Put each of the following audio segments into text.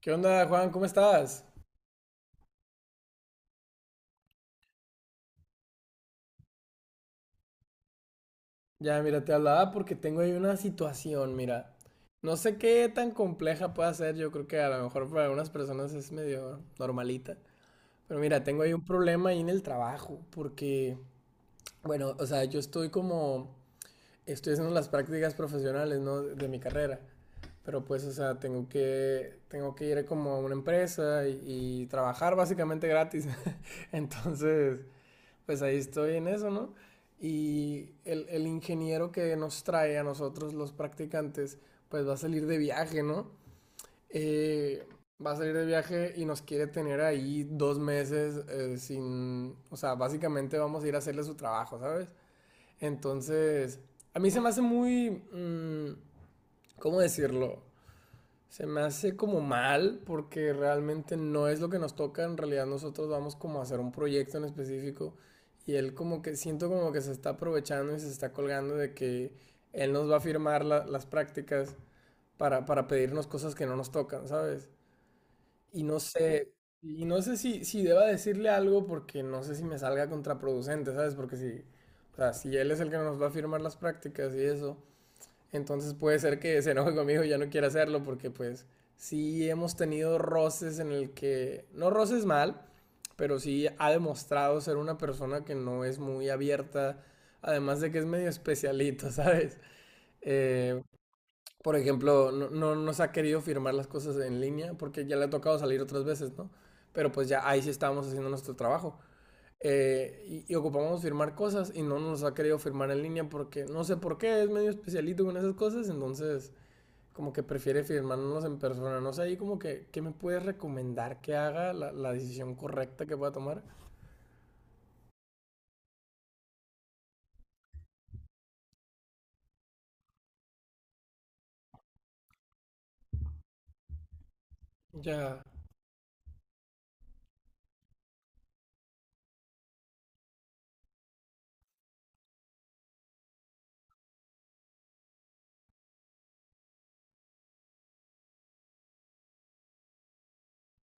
¿Qué onda, Juan? ¿Cómo estás? Ya, mira, te hablaba porque tengo ahí una situación, mira. No sé qué tan compleja pueda ser, yo creo que a lo mejor para algunas personas es medio normalita. Pero mira, tengo ahí un problema ahí en el trabajo, porque, bueno, o sea, yo estoy como, estoy haciendo las prácticas profesionales, ¿no? De mi carrera. Pero pues, o sea, tengo que ir como a una empresa y trabajar básicamente gratis. Entonces, pues ahí estoy en eso, ¿no? Y el ingeniero que nos trae a nosotros los practicantes, pues va a salir de viaje, ¿no? Eh, Va a salir de viaje y nos quiere tener ahí dos meses sin, o sea, básicamente vamos a ir a hacerle su trabajo, ¿sabes? Entonces, a mí se me hace muy, ¿cómo decirlo? Se me hace como mal porque realmente no es lo que nos toca. En realidad nosotros vamos como a hacer un proyecto en específico y él como que siento como que se está aprovechando y se está colgando de que él nos va a firmar las prácticas para pedirnos cosas que no nos tocan, ¿sabes? Y no sé, y no sé si, si deba decirle algo porque no sé si me salga contraproducente, ¿sabes? Porque si, o sea, si él es el que nos va a firmar las prácticas y eso, entonces puede ser que se enoje conmigo y ya no quiera hacerlo porque pues sí hemos tenido roces en el que, no roces mal, pero sí ha demostrado ser una persona que no es muy abierta, además de que es medio especialito, ¿sabes? Eh, por ejemplo, no, no nos ha querido firmar las cosas en línea porque ya le ha tocado salir otras veces, ¿no? Pero pues ya ahí sí estábamos haciendo nuestro trabajo. Y ocupamos firmar cosas y no nos ha querido firmar en línea porque no sé por qué, es medio especialito con esas cosas, entonces como que prefiere firmarnos en persona. No sé, ahí como que, ¿qué me puedes recomendar que haga la decisión correcta que pueda tomar? Ya,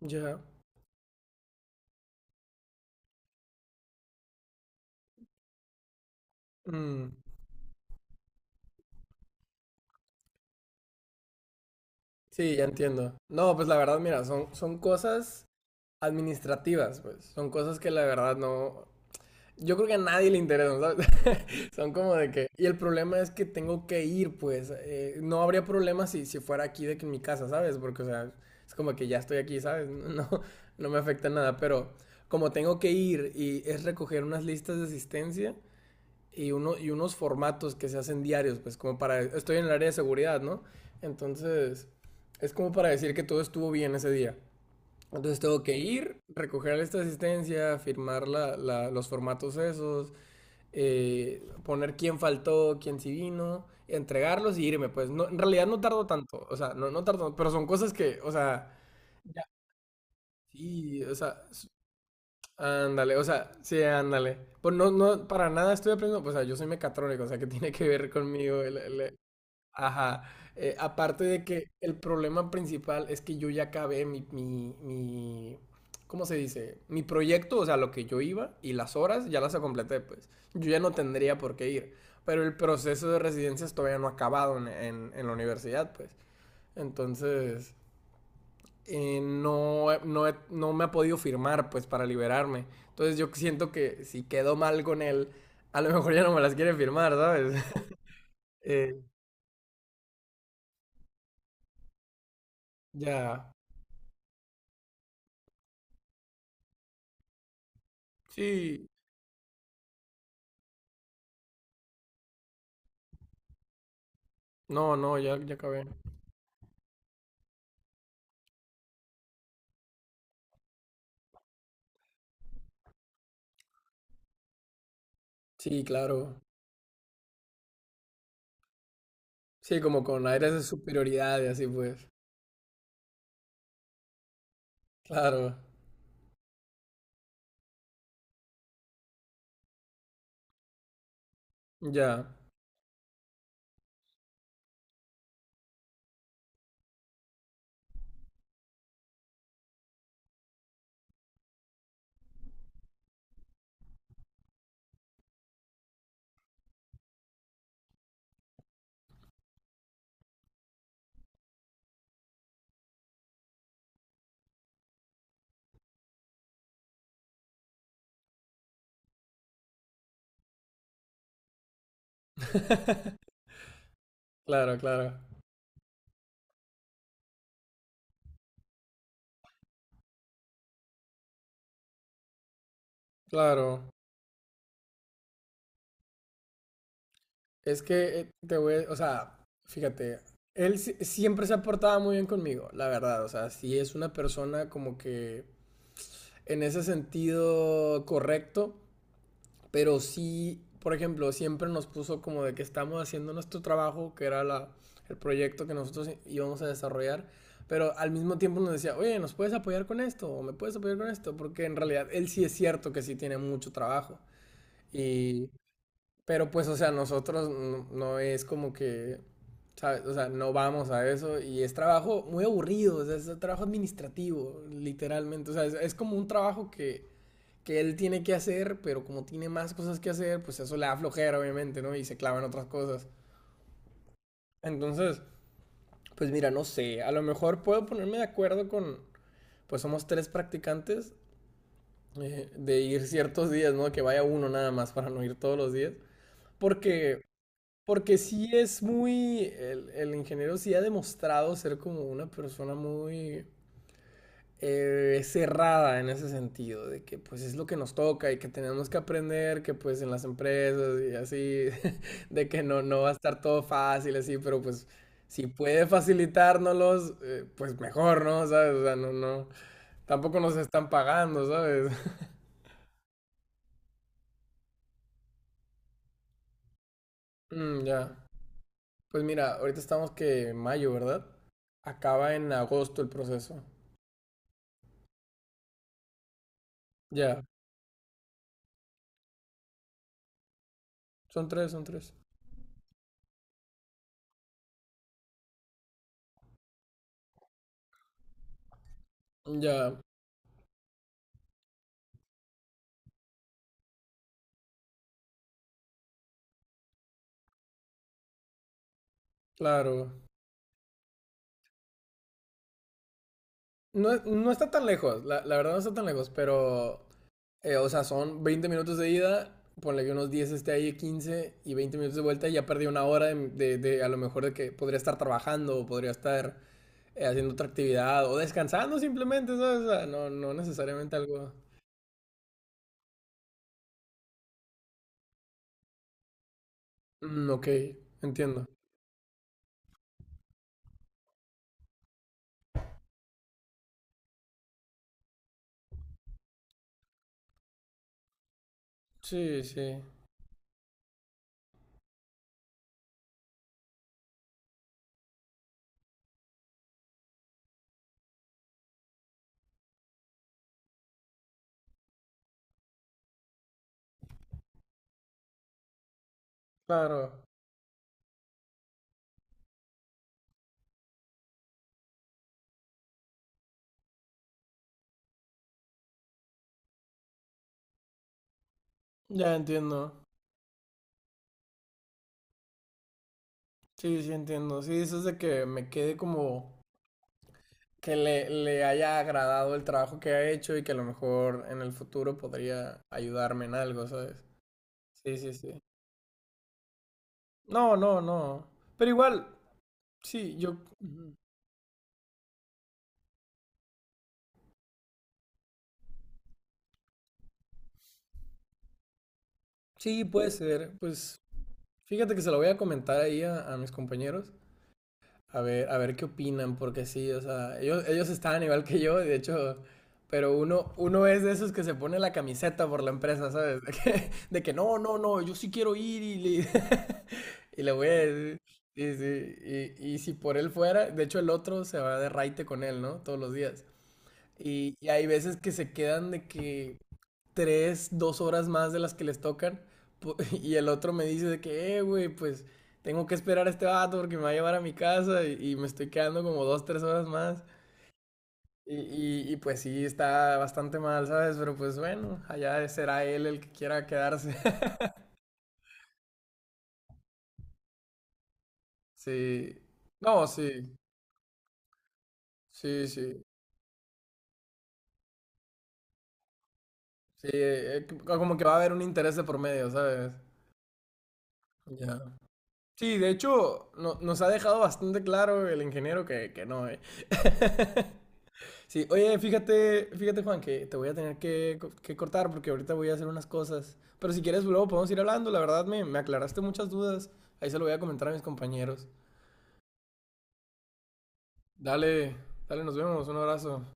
ya. mm, sí, ya entiendo. No, pues la verdad, mira, son cosas administrativas, pues. Son cosas que la verdad no, yo creo que a nadie le interesan, ¿sabes? Son como de que... Y el problema es que tengo que ir, pues. No habría problema si, si fuera aquí de que en mi casa, ¿sabes? Porque, o sea, es como que ya estoy aquí, ¿sabes? No, no me afecta nada, pero como tengo que ir y es recoger unas listas de asistencia y, uno, y unos formatos que se hacen diarios, pues como para... Estoy en el área de seguridad, ¿no? Entonces, es como para decir que todo estuvo bien ese día. Entonces tengo que ir, recoger esta asistencia, firmar los formatos esos, poner quién faltó, quién sí vino, entregarlos y irme, pues no, en realidad no tardo tanto, o sea, no, no tardo, pero son cosas que, o sea, sí, o sea, ándale, o sea, sí, ándale. Pues no, no, para nada estoy aprendiendo, pues, o sea, yo soy mecatrónico, o sea, que tiene que ver conmigo ajá. Aparte de que el problema principal es que yo ya acabé mi, ¿cómo se dice? Mi proyecto, o sea, lo que yo iba y las horas ya las completé, pues. Yo ya no tendría por qué ir. Pero el proceso de residencias todavía no ha acabado en, en la universidad, pues. Entonces, no me ha podido firmar, pues, para liberarme. Entonces, yo siento que si quedo mal con él, a lo mejor ya no me las quiere firmar, ¿sabes? Eh, ya. Sí, no, no, ya, ya acabé. Sí, claro. Sí, como con aires de superioridad y así pues. Claro, ya. Claro, claro, claro. Es que te voy, o sea, fíjate, él siempre se ha portado muy bien conmigo, la verdad. O sea, sí es una persona como que en ese sentido correcto. Pero sí, por ejemplo, siempre nos puso como de que estamos haciendo nuestro trabajo, que era el proyecto que nosotros íbamos a desarrollar, pero al mismo tiempo nos decía, oye, ¿nos puedes apoyar con esto? ¿O me puedes apoyar con esto? Porque en realidad él sí es cierto que sí tiene mucho trabajo. Y, pero pues, o sea, nosotros no, no es como que, ¿sabes? O sea, no vamos a eso y es trabajo muy aburrido, o sea, es trabajo administrativo, literalmente. O sea, es como un trabajo que él tiene que hacer, pero como tiene más cosas que hacer, pues eso le da flojera, obviamente, ¿no? Y se clava en otras cosas. Entonces, pues mira, no sé, a lo mejor puedo ponerme de acuerdo con, pues somos tres practicantes, de ir ciertos días, ¿no? Que vaya uno nada más para no ir todos los días. Porque, porque sí es muy, el ingeniero sí ha demostrado ser como una persona muy cerrada en ese sentido, de que pues es lo que nos toca y que tenemos que aprender, que pues en las empresas y así, de que no, no va a estar todo fácil así, pero pues si puede facilitárnoslos, pues mejor, ¿no? ¿Sabes? O sea, no, no, tampoco nos están pagando, ¿sabes? Mm, ya. Pues mira, ahorita estamos que en mayo, ¿verdad? Acaba en agosto el proceso. Ya, son tres, son tres. Ya, claro. No, no está tan lejos, la verdad no está tan lejos, pero o sea, son 20 minutos de ida, ponle que unos 10 esté ahí, 15 y 20 minutos de vuelta y ya perdí una hora de, de a lo mejor de que podría estar trabajando o podría estar haciendo otra actividad o descansando simplemente, ¿sabes? O sea, no, no necesariamente algo. Mm, ok, entiendo. Sí, sí, claro. Ya entiendo. Sí, sí, entiendo. Sí, dices de que me quede como que le haya agradado el trabajo que ha hecho y que a lo mejor en el futuro podría ayudarme en algo, ¿sabes? Sí, sí, sí. No, no, no. Pero igual, sí, yo... ujú. Sí, puede ser. Pues fíjate que se lo voy a comentar ahí a mis compañeros. A ver qué opinan, porque sí, o sea, ellos estaban igual que yo, de hecho, pero uno, uno es de esos que se pone la camiseta por la empresa, ¿sabes? De que, no, no, no, yo sí quiero ir y le, y le voy a decir, sí, sí, y si por él fuera, de hecho el otro se va de raite con él, ¿no? Todos los días. Y hay veces que se quedan de que, tres, dos horas más de las que les tocan. Y el otro me dice de que, güey, pues tengo que esperar a este vato porque me va a llevar a mi casa y me estoy quedando como dos, tres horas más. Y, y, pues sí, está bastante mal, ¿sabes? Pero pues bueno, allá será él el que quiera quedarse. Sí. No, sí. Sí, sí. Sí, como que va a haber un interés de por medio, ¿sabes? Ya. Sí, de hecho, nos ha dejado bastante claro el ingeniero que no, ¿eh? Sí, oye, fíjate, fíjate Juan, que te voy a tener que, que cortar porque ahorita voy a hacer unas cosas. Pero si quieres, luego podemos ir hablando. La verdad, me aclaraste muchas dudas. Ahí se lo voy a comentar a mis compañeros. Dale, dale, nos vemos. Un abrazo.